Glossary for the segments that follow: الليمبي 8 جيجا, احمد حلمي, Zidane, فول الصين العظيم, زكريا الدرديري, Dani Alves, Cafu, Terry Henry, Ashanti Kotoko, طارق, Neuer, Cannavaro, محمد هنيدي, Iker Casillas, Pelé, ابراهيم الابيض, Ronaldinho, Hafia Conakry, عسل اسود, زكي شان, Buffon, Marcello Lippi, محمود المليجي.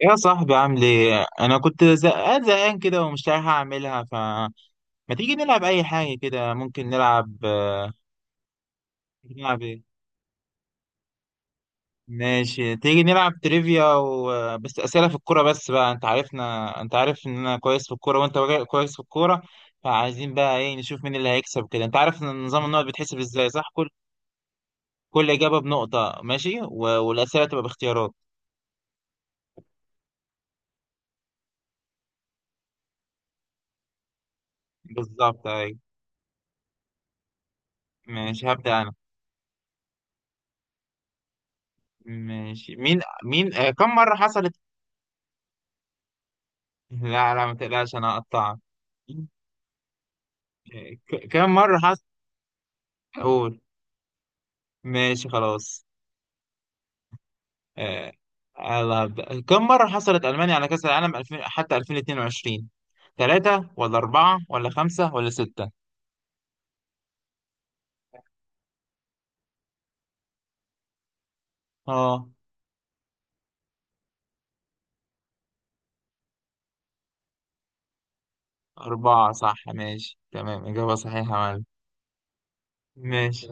يا صاحبي، عامل ايه؟ انا كنت زهقان زهقان كده ومش عارف اعملها. فما تيجي نلعب اي حاجه كده، ممكن نلعب. نلعب ايه؟ ماشي، تيجي نلعب تريفيا و... آه، بس اسئله في الكوره بس بقى. انت عارفنا، انت عارف ان انا كويس في الكوره وانت راجل كويس في الكوره، فعايزين بقى ايه؟ نشوف مين اللي هيكسب كده. انت عارف ان نظام النقط بيتحسب ازاي؟ صح، كل اجابه بنقطه. ماشي والاسئله تبقى باختيارات. بالظبط، ايوه. ماشي، هبدا انا. ماشي. مين مين آه، كم مره حصلت؟ لا لا، ما تقلقش، انا هقطعك. كم مرة حصل؟ اقول. ماشي خلاص. آه، يلا هبدأ. كم مرة حصلت ألمانيا على كأس العالم 2000 حتى 2022؟ ثلاثة ولا أربعة ولا خمسة ولا ستة؟ اه، أربعة صح. ماشي تمام، إجابة صحيحة يا معلم. ماشي.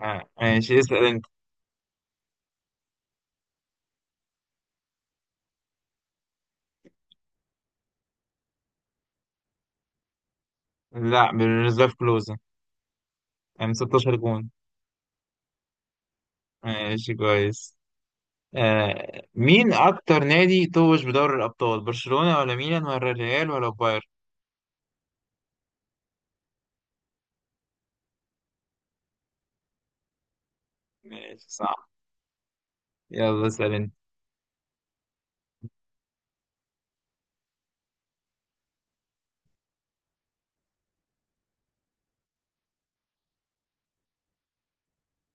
ماشي اسأل أنت. لا، بالريزيرف كلوز يعني. 16 جون. ماشي كويس. مين أكتر نادي توج بدوري الأبطال؟ برشلونة ولا ميلان ولا الريال ولا بايرن؟ ماشي صح. يلا اسأل انت.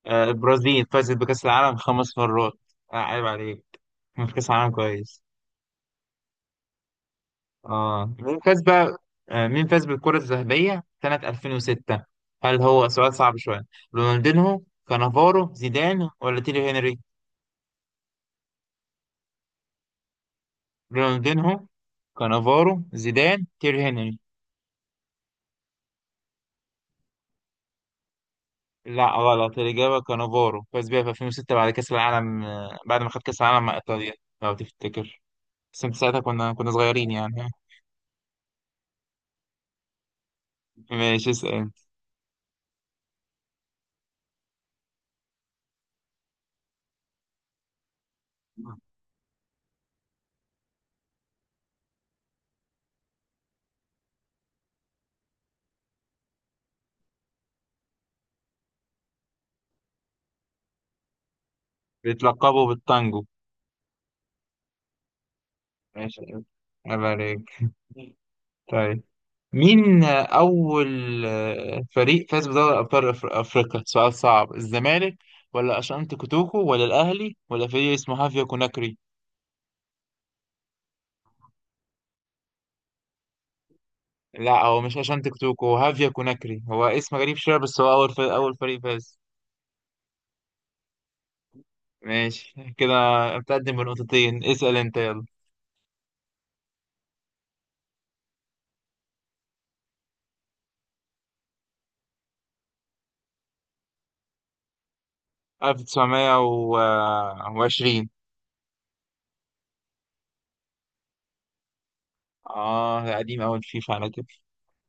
البرازيل فازت بكأس العالم 5 مرات. عيب عليك، كان في كأس العالم كويس. اه مين فاز بقى؟ مين فاز بالكرة الذهبية سنة 2006؟ هل هو سؤال صعب شوية؟ رونالدينهو، كانافارو، زيدان ولا تيري هنري؟ رونالدينهو، كانافارو، زيدان، تيري هنري. لا غلط، الإجابة كانافارو، فاز بيها في 2006 بعد كأس العالم، بعد ما خد كأس العالم مع إيطاليا لو تفتكر. بس انت ساعتها كنا صغيرين يعني. ماشي اسأل. بيتلقبوا بالتانجو. ماشي، عيب عليك. طيب، مين أول فريق فاز بدوري أبطال أفريقيا؟ سؤال صعب. الزمالك ولا أشانتي كوتوكو ولا الأهلي ولا فريق اسمه هافيا كوناكري؟ لا، هو مش أشانتي كوتوكو، هو هافيا كوناكري. هو اسم غريب شوية بس هو أول فريق فاز. ماشي كده، متقدم بنقطتين. اسأل أنت يلا. 1920. آه ده قديم أوي الفيفا على كده.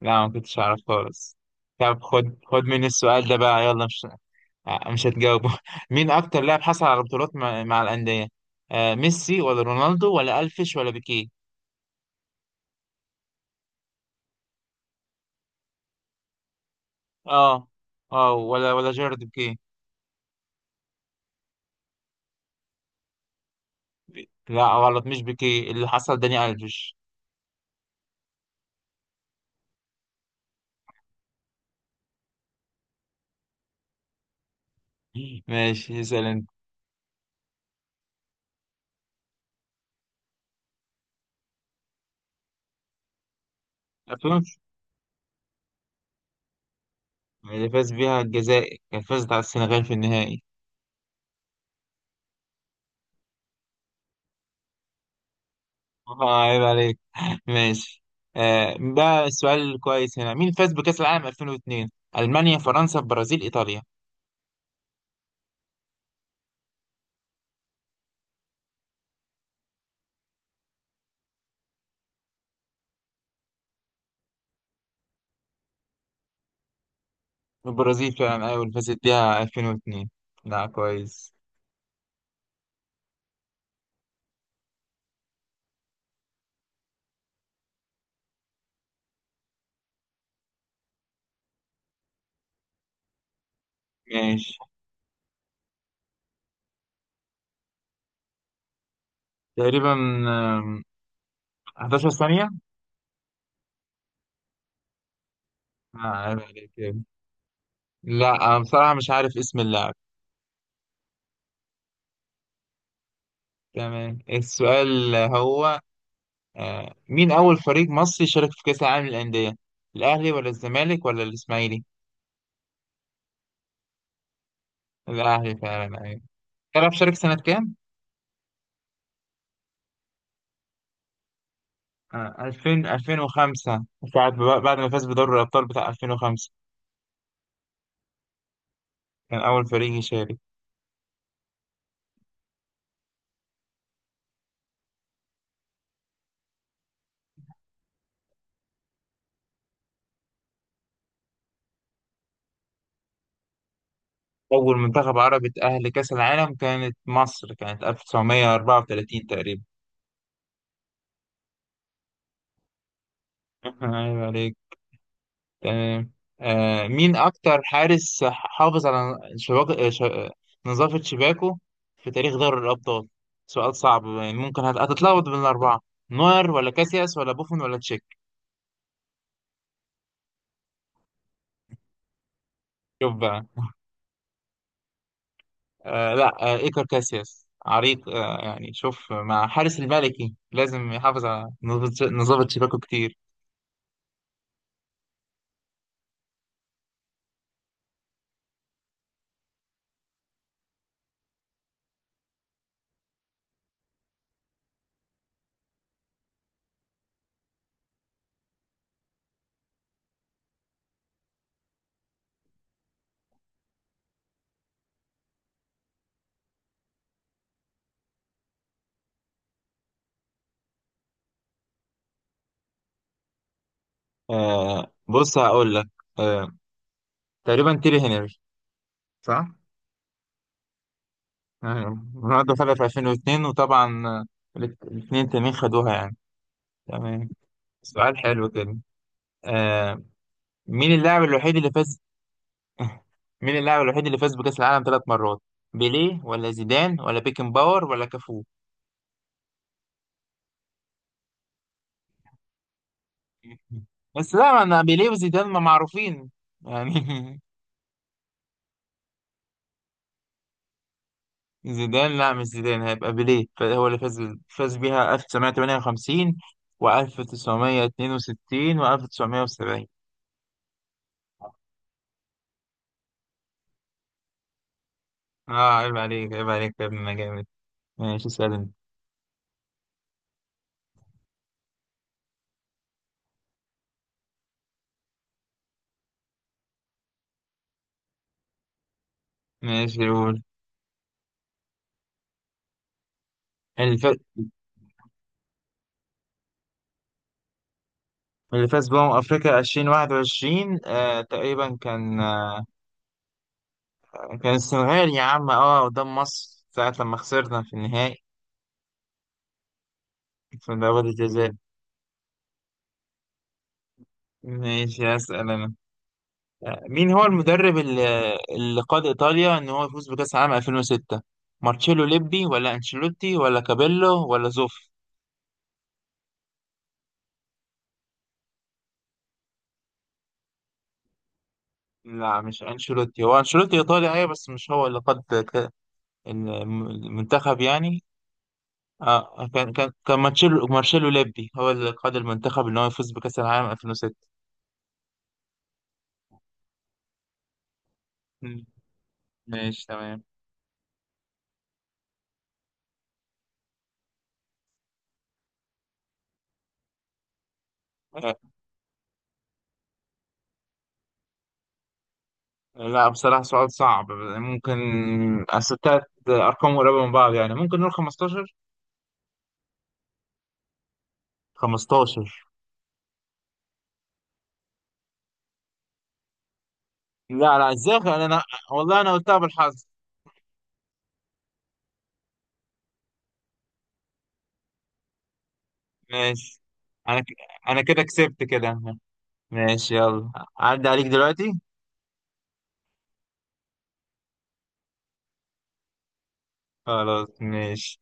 لا ما كنتش أعرف خالص. طب خد خد مني السؤال ده بقى يلا. مش هتجاوبه. مين أكتر لاعب حصل على بطولات مع الأندية؟ آه ميسي ولا رونالدو ولا ألفيش ولا بيكيه؟ اه، اه ولا جيرارد بيكيه. لا غلط، مش بيكيه اللي حصل، داني ألفيش. ماشي اسأل أنت. أفلام. اللي فاز بيها الجزائر، كان فازت على السنغال في النهائي. عيب عليك. ماشي. آه ده سؤال كويس هنا. مين فاز بكأس العالم 2002؟ ألمانيا، فرنسا، البرازيل، إيطاليا؟ البرازيل فعلا، أيوة اللي فازت بيها 2002. لا كويس. ماشي، تقريبا آم، 11 ثانية. عيب عليك يعني. لا، أنا بصراحة مش عارف اسم اللاعب. تمام، السؤال هو: آه مين أول فريق مصري شارك في كأس العالم للأندية؟ الأهلي ولا الزمالك ولا الإسماعيلي؟ الأهلي فعلا، أيوة. تعرف شارك سنة كام؟ 2000، 2005. بعد ما فاز بدوري الأبطال بتاع 2005، كان أول فريق يشارك. أول منتخب عربي اتأهل لكأس العالم كانت مصر، كانت 1934 تقريبا. عيب عليك. تمام. آه مين أكتر حارس حافظ على شباك... آه، ش... آه، نظافة شباكه في تاريخ دوري الأبطال؟ سؤال صعب، ممكن هتتلخبط بين الأربعة. نوير ولا كاسياس ولا بوفون ولا تشيك؟ شوف بقى. لا، إيكر كاسياس عريق يعني. شوف، مع حارس الملكي لازم يحافظ على نظام شباكه كتير. آه بص هقول لك. آه تقريبا تيري هنري، صح؟ رونالدو خدها في 2002، وطبعا الاتنين تانيين خدوها يعني. تمام، سؤال حلو كده. آه مين اللاعب الوحيد اللي فاز مين اللاعب الوحيد اللي فاز بكأس العالم 3 مرات؟ بيليه ولا زيدان ولا بيكن باور ولا كافو؟ بس لا، انا بيليه وزيدان ما معروفين يعني. زيدان؟ لا مش زيدان، هيبقى بيليه هو اللي فاز. فاز بيها 1958 و1962 و1970. اه عيب عليك عيب عليك يا ابني، انا جامد. ماشي اسأل انت. ماشي قول. اللي فاز اللي فاز بأمم أفريقيا 2021، تقريبا كان كان السنغال يا عم، اه قدام مصر ساعة لما خسرنا في النهائي في ضربات الجزاء. ماشي أسأل أنا. مين هو المدرب اللي قاد إيطاليا إن هو يفوز بكأس العالم 2006؟ مارتشيلو ليبي ولا أنشيلوتي ولا كابيلو ولا زوف؟ لا مش أنشيلوتي، هو أنشيلوتي إيطالي أيوة بس مش هو اللي قاد المنتخب يعني. آه كان مارشيلو ليبي هو اللي قاد المنتخب إن هو يفوز بكأس العالم 2006. مم، ماشي تمام. آه، لا بصراحة سؤال صعب. ممكن، أصل تلات أرقام قريبة من بعض يعني، ممكن نقول 15. لا لا، ازاي انا؟ والله انا قلتها بالحظ. ماشي. انا ك... انا كده كسبت كده. ماشي يلا. عدى عليك دلوقتي. خلاص ماشي.